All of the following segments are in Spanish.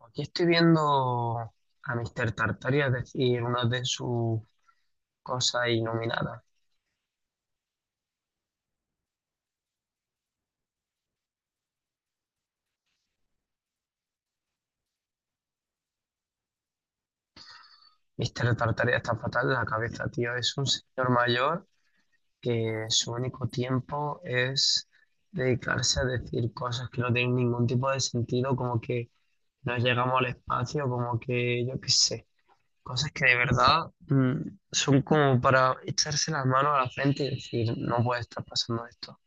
Aquí estoy viendo a Mr. Tartaria decir una de sus cosas iluminadas. Mr. Tartaria está fatal de la cabeza, tío. Es un señor mayor que su único tiempo es dedicarse a decir cosas que no tienen ningún tipo de sentido, como que no llegamos al espacio, como que yo qué sé. Cosas que de verdad, son como para echarse las manos a la frente y decir, no puede estar pasando esto.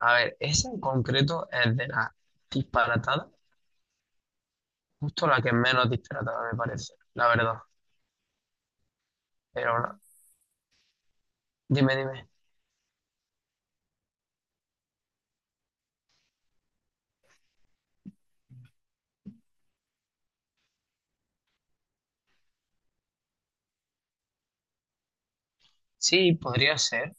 A ver, esa en concreto es de las disparatadas, justo la que menos disparatada me parece, la verdad. Pero ahora, dime. Sí, podría ser.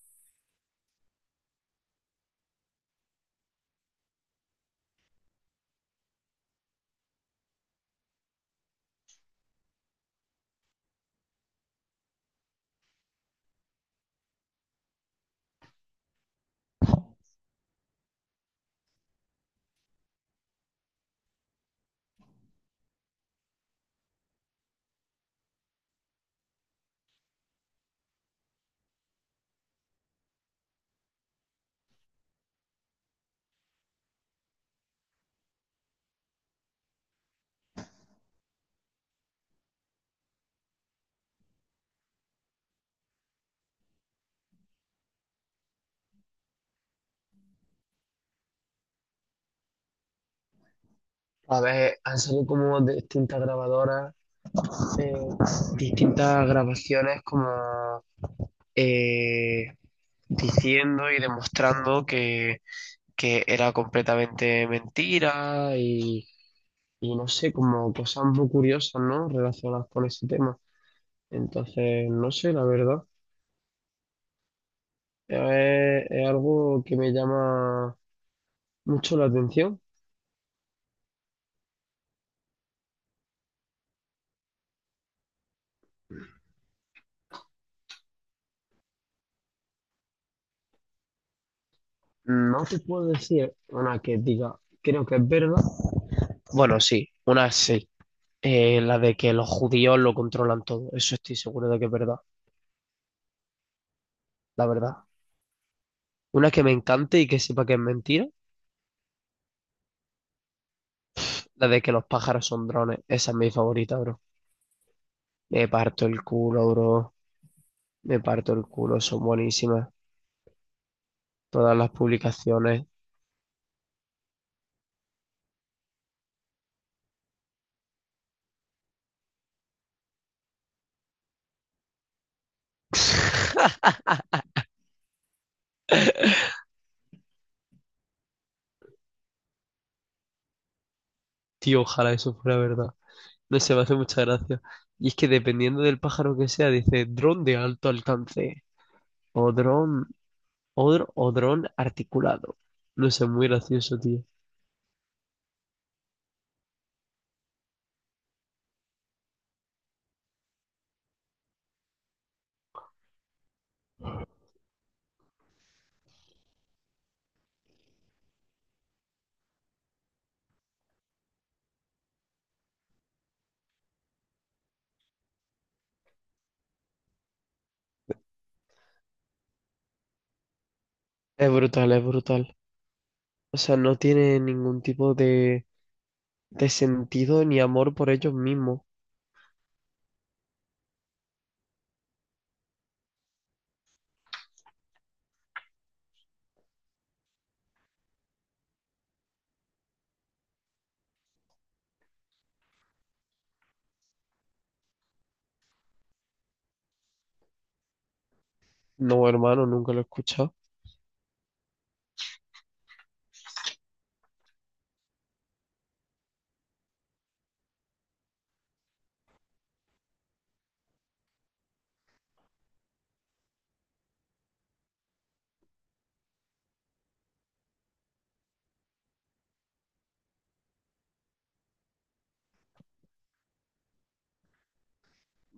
A ver, han salido como de distintas grabadoras, eh, distintas grabaciones como, eh, diciendo y demostrando que era completamente mentira y no sé, como cosas muy curiosas, ¿no? Relacionadas con ese tema. Entonces, no sé, la verdad. Es algo que me llama mucho la atención. No te puedo decir una que diga, creo que es verdad. Bueno, sí, una sí. La de que los judíos lo controlan todo. Eso estoy seguro de que es verdad, la verdad. Una que me encante y que sepa que es mentira, la de que los pájaros son drones. Esa es mi favorita, bro. Me parto el culo, bro. Me parto el culo, son buenísimas. Todas las publicaciones. Tío, ojalá eso fuera verdad. No sé, me hace mucha gracia. Y es que dependiendo del pájaro que sea, dice dron de alto alcance o dron o, o dron articulado. No sé, muy gracioso, tío. Es brutal, es brutal. O sea, no tiene ningún tipo de sentido ni amor por ellos mismos. No, hermano, nunca lo he escuchado.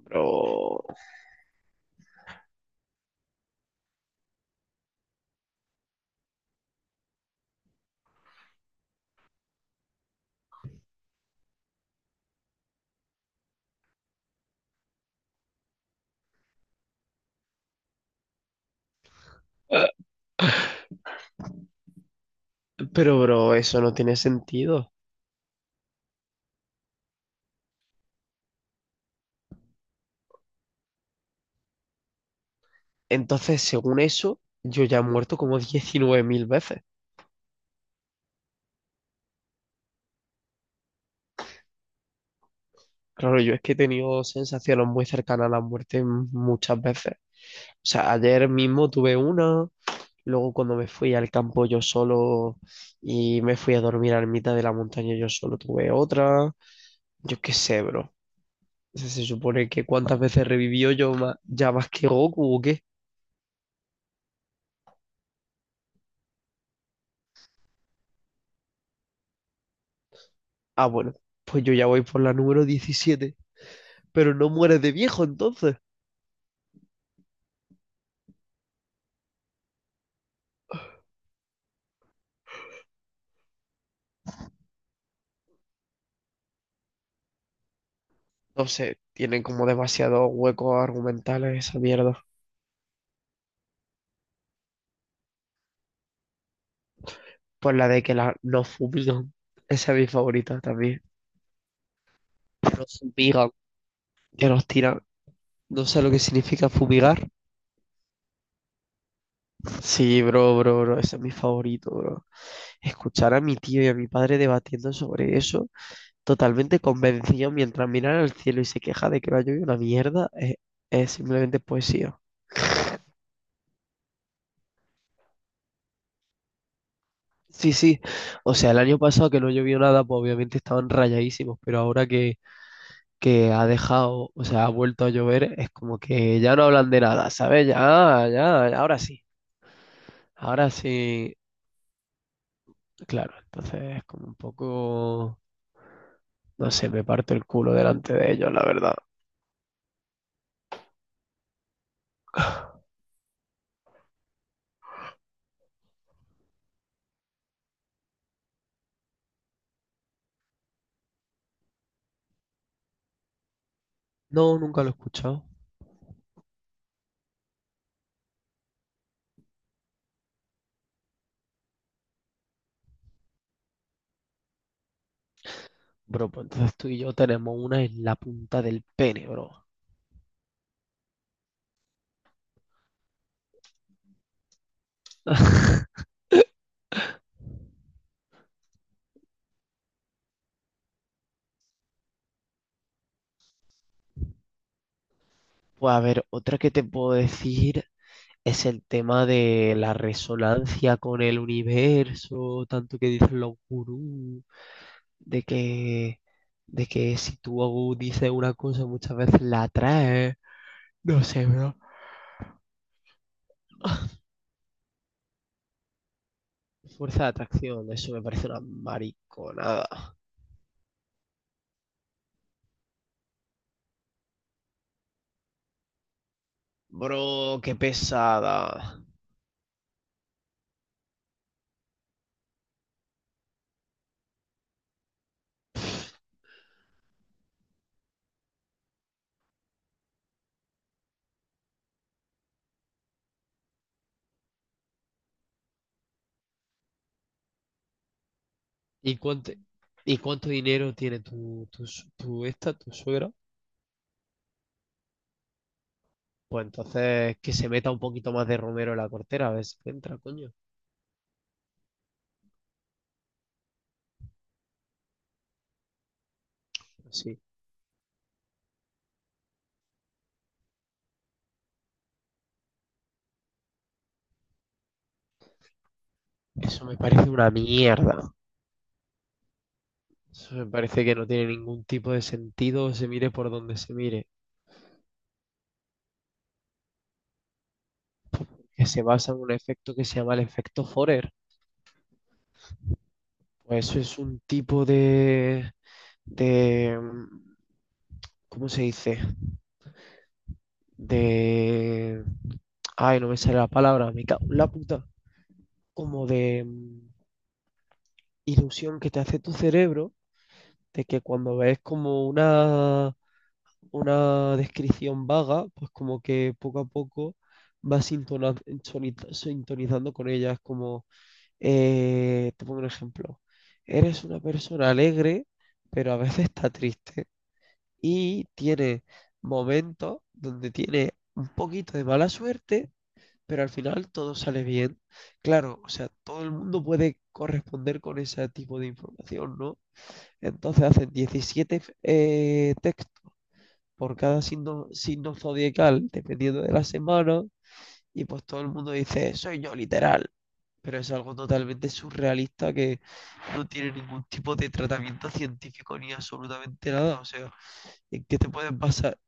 Pero, eh, pero, bro, eso no tiene sentido. Entonces, según eso, yo ya he muerto como 19.000 veces. Claro, yo es que he tenido sensaciones muy cercanas a la muerte muchas veces. O sea, ayer mismo tuve una, luego cuando me fui al campo yo solo y me fui a dormir a la mitad de la montaña yo solo tuve otra. Yo qué sé, bro. O sea, se supone que cuántas veces revivió yo ya más que Goku o qué. Ah, bueno, pues yo ya voy por la número 17. Pero no mueres de viejo entonces. No sé, tienen como demasiados huecos argumentales esa mierda. Pues la de que la, nos fumigan. Esa es mi favorita también. Que nos fumigan, que nos tiran. No sé lo que significa fumigar. Sí, bro, bro, bro. Ese es mi favorito, bro. Escuchar a mi tío y a mi padre debatiendo sobre eso, totalmente convencido mientras miran al cielo y se queja de que no llovido una mierda, es simplemente poesía. Sí, sí. O sea, el año pasado que no llovió nada, pues obviamente estaban rayadísimos, pero ahora que ha dejado, o sea, ha vuelto a llover, es como que ya no hablan de nada, ¿sabes? Ya, ya, ahora sí, claro, entonces es como un poco, no sé, me parto el culo delante de ellos, la verdad. No, nunca lo he escuchado. Bro, pues entonces tú y yo tenemos una en la punta del pene, bro. Pues a ver, otra que te puedo decir. Es el tema de la resonancia con el universo, tanto que dicen los gurús, de que si tú dices una cosa muchas veces la atraes, no sé, bro. Fuerza de atracción, eso me parece una mariconada. Bro, qué pesada. ¿Y cuánto, y cuánto dinero tiene tu, tu, su- tu esta, tu suegra? Pues entonces que se meta un poquito más de Romero en la cortera, a ver si entra, coño. Sí. Eso me parece una mierda. Eso me parece que no tiene ningún tipo de sentido, se mire por donde se mire. Que se basa en un efecto que se llama el efecto Forer. Pues eso es un tipo de, ¿cómo se dice? De, ay, no me sale la palabra, me cago en la puta. Como de ilusión que te hace tu cerebro de que cuando ves como una descripción vaga, pues como que poco a poco vas sintonizando con ella. Es como, te pongo un ejemplo, eres una persona alegre, pero a veces está triste y tiene momentos donde tiene un poquito de mala suerte, pero al final todo sale bien. Claro, o sea, todo el mundo puede corresponder con ese tipo de información, ¿no? Entonces hacen 17 textos por cada signo zodiacal, dependiendo de la semana, y pues todo el mundo dice, soy yo, literal. Pero es algo totalmente surrealista que no tiene ningún tipo de tratamiento científico ni absolutamente nada. O sea, ¿en qué te puedes basar?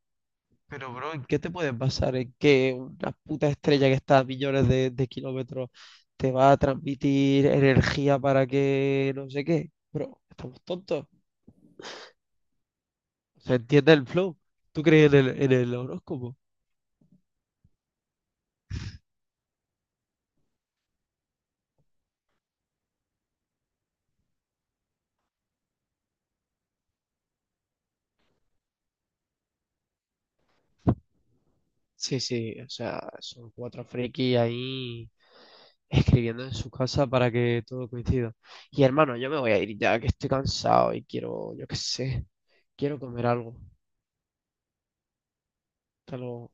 Pero, bro, ¿en qué te puedes basar? ¿En que una puta estrella que está a millones de kilómetros te va a transmitir energía para que no sé qué? Bro, estamos tontos. O sea, entiende el flow. ¿Tú crees en el horóscopo? Sí, sí, o sea, son cuatro frikis ahí escribiendo en su casa para que todo coincida. Y hermano, yo me voy a ir ya que estoy cansado y quiero, yo qué sé, quiero comer algo. Hasta luego.